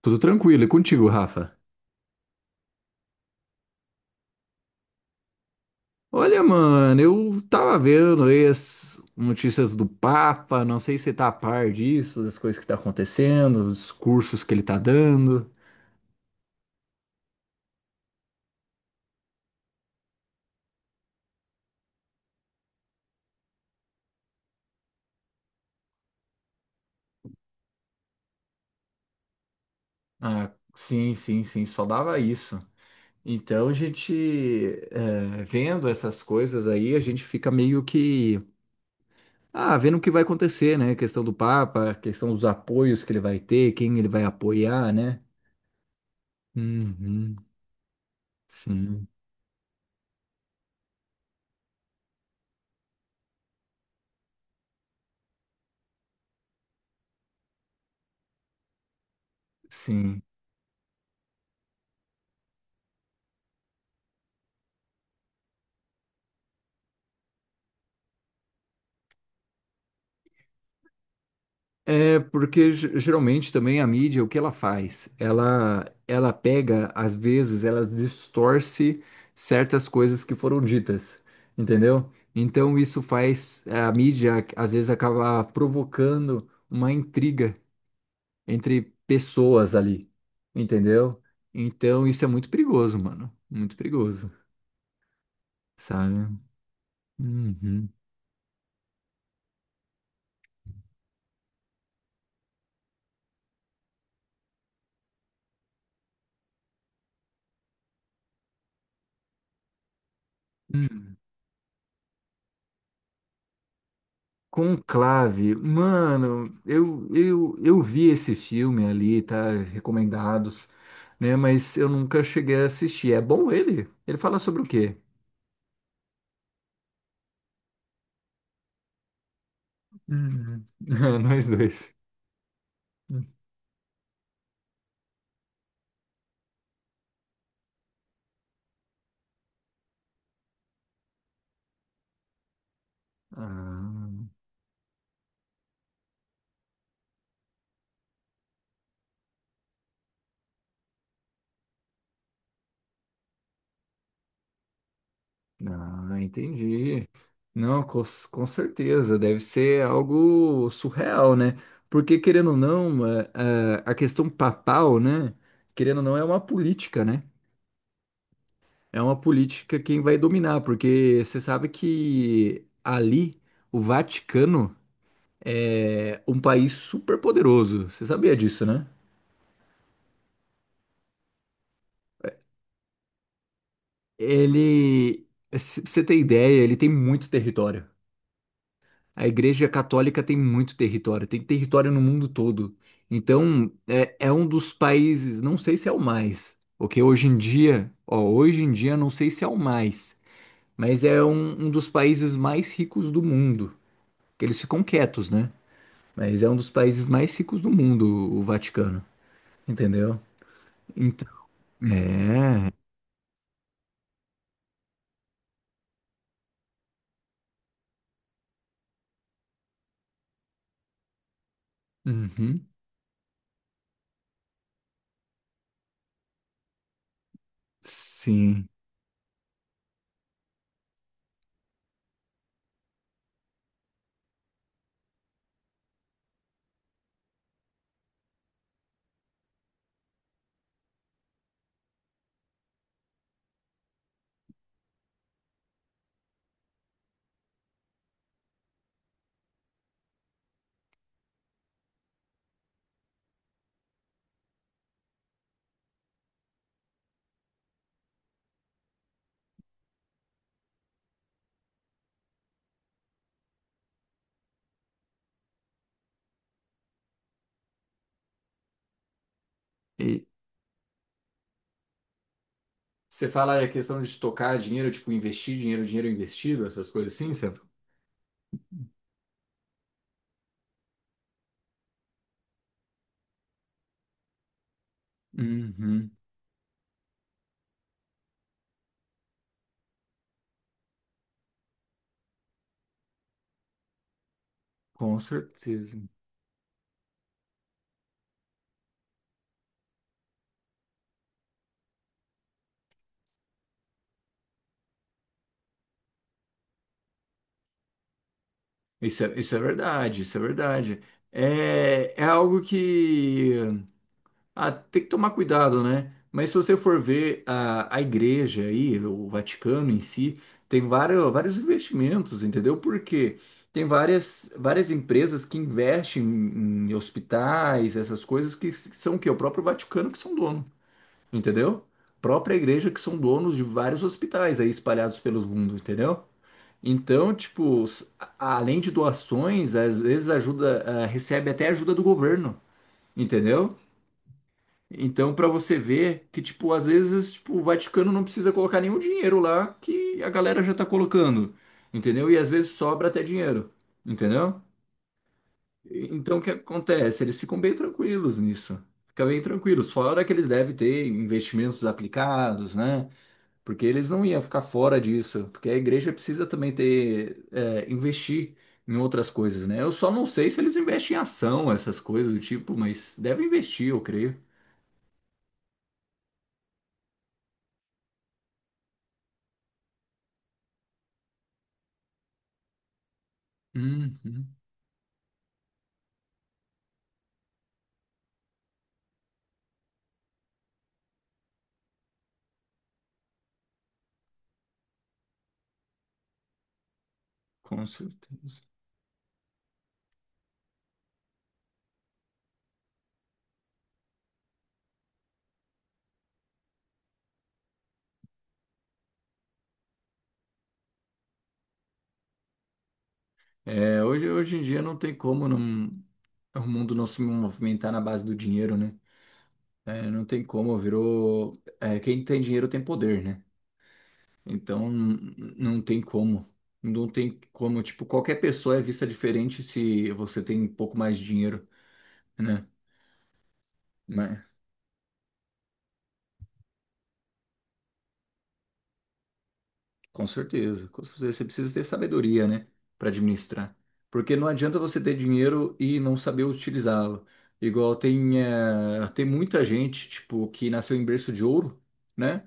Tudo tranquilo, e contigo, Rafa? Olha, mano, eu tava vendo aí as notícias do Papa, não sei se você tá a par disso, das coisas que tá acontecendo, os cursos que ele tá dando. Ah, sim, sim, sim, só dava isso. Então a gente, vendo essas coisas aí, a gente fica meio que, ah, vendo o que vai acontecer, né? Questão do Papa, questão dos apoios que ele vai ter, quem ele vai apoiar, né? Uhum, sim, sim. É porque geralmente também a mídia, o que ela faz? Ela pega, às vezes, ela distorce certas coisas que foram ditas, entendeu? Então isso faz a mídia, às vezes, acaba provocando uma intriga entre pessoas ali, entendeu? Então isso é muito perigoso, mano. Muito perigoso, sabe? Uhum. Uhum. Conclave, mano, eu vi esse filme ali, tá? Recomendados, né? Mas eu nunca cheguei a assistir. É bom ele? Ele fala sobre o quê? Hum, Nós dois. Hum. Ah, ah, entendi. Não, com certeza, deve ser algo surreal, né? Porque, querendo ou não, a questão papal, né? Querendo ou não, é uma política, né? É uma política quem vai dominar, porque você sabe que ali o Vaticano é um país super poderoso. Você sabia disso, né? Ele, pra você ter ideia, ele tem muito território. A Igreja Católica tem muito território, tem território no mundo todo. Então, é um dos países, não sei se é o mais, porque hoje em dia, ó, hoje em dia não sei se é o mais, mas é um, um dos países mais ricos do mundo, que eles ficam quietos, né? Mas é um dos países mais ricos do mundo, o Vaticano, entendeu? Então, é. Uhum, sim. E Você fala a questão de tocar dinheiro, tipo, investir dinheiro, dinheiro investido, essas coisas assim, certo? Uhum, com certeza. Isso é verdade, isso é verdade. É, é algo que... Ah, tem que tomar cuidado, né? Mas se você for ver a igreja aí, o Vaticano em si, tem vários, vários investimentos, entendeu? Porque tem várias, várias empresas que investem em, em hospitais, essas coisas que são o quê? O próprio Vaticano que são dono, entendeu? Própria igreja que são donos de vários hospitais aí espalhados pelo mundo, entendeu? Então, tipo, além de doações, às vezes ajuda, ah, recebe até ajuda do governo, entendeu? Então, pra você ver que, tipo, às vezes, tipo, o Vaticano não precisa colocar nenhum dinheiro lá que a galera já tá colocando, entendeu? E às vezes sobra até dinheiro, entendeu? Então, o que acontece? Eles ficam bem tranquilos nisso. Fica bem tranquilos. Fora que eles devem ter investimentos aplicados, né? Porque eles não iam ficar fora disso. Porque a igreja precisa também ter, é, investir em outras coisas, né? Eu só não sei se eles investem em ação, essas coisas do tipo, mas devem investir, eu creio. Uhum. Com certeza. É, hoje, hoje em dia não tem como não, o mundo não se movimentar na base do dinheiro, né? É, não tem como, virou. É, quem tem dinheiro tem poder, né? Então não tem como. Não tem como, tipo, qualquer pessoa é vista diferente se você tem um pouco mais de dinheiro, né? Com certeza, com certeza. Você precisa ter sabedoria, né, para administrar. Porque não adianta você ter dinheiro e não saber utilizá-lo. Igual tem, tem muita gente, tipo, que nasceu em berço de ouro, né,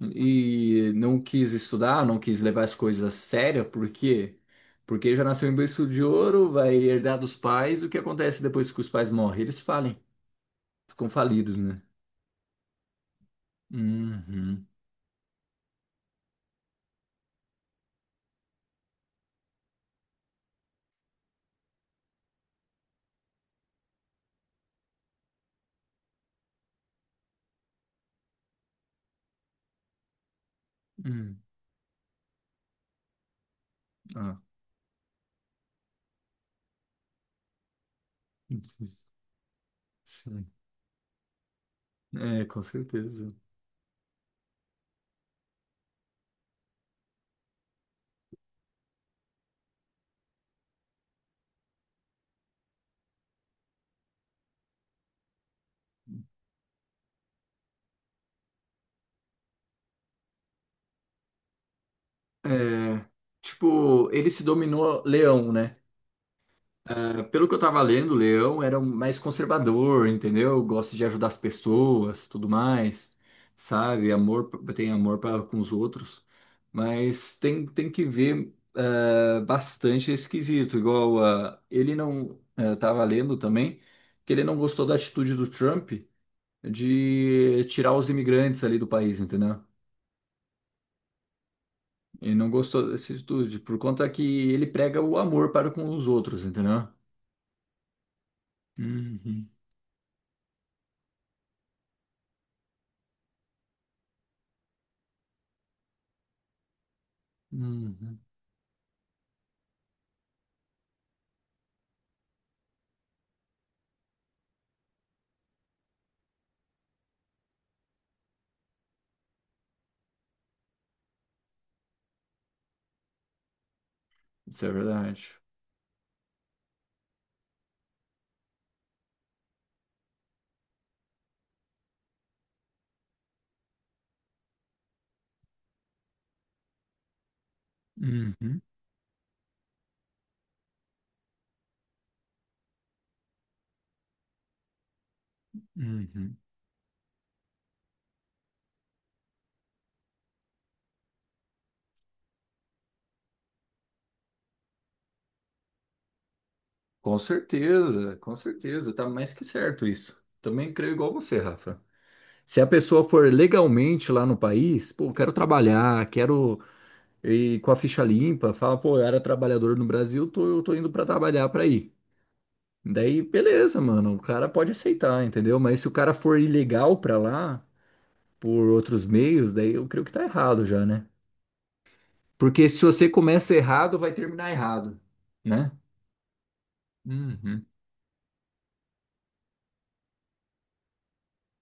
e não quis estudar, não quis levar as coisas a sério, por quê? Porque já nasceu em berço de ouro, vai herdar dos pais. O que acontece depois que os pais morrem? Eles falem, ficam falidos, né? Uhum. Hum. Ah. Sim. É, com certeza. É, tipo, ele se dominou Leão, né? É, pelo que eu tava lendo, Leão era um mais conservador, entendeu? Gosta de ajudar as pessoas, tudo mais, sabe? Amor, tem amor pra, com os outros, mas tem, tem que ver é, bastante esquisito. Igual a, ele não é, tava lendo também que ele não gostou da atitude do Trump de tirar os imigrantes ali do país, entendeu? E não gostou dessa atitude, por conta que ele prega o amor para com os outros, entendeu? Uhum. Uhum. Isso é verdade. Uhum, uhum. Com certeza, tá mais que certo isso. Também creio igual você, Rafa. Se a pessoa for legalmente lá no país, pô, quero trabalhar, quero ir com a ficha limpa, fala, pô, eu era trabalhador no Brasil, tô, eu tô indo pra trabalhar pra ir. Daí, beleza, mano, o cara pode aceitar, entendeu? Mas se o cara for ilegal pra lá, por outros meios, daí eu creio que tá errado já, né? Porque se você começa errado, vai terminar errado, né? Uhum.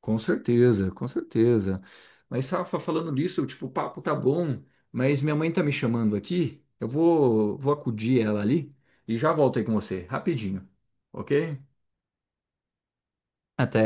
Com certeza, com certeza. Mas, Rafa, falando disso, tipo, o papo tá bom, mas minha mãe tá me chamando aqui. Vou acudir ela ali e já volto aí com você, rapidinho, ok? Até.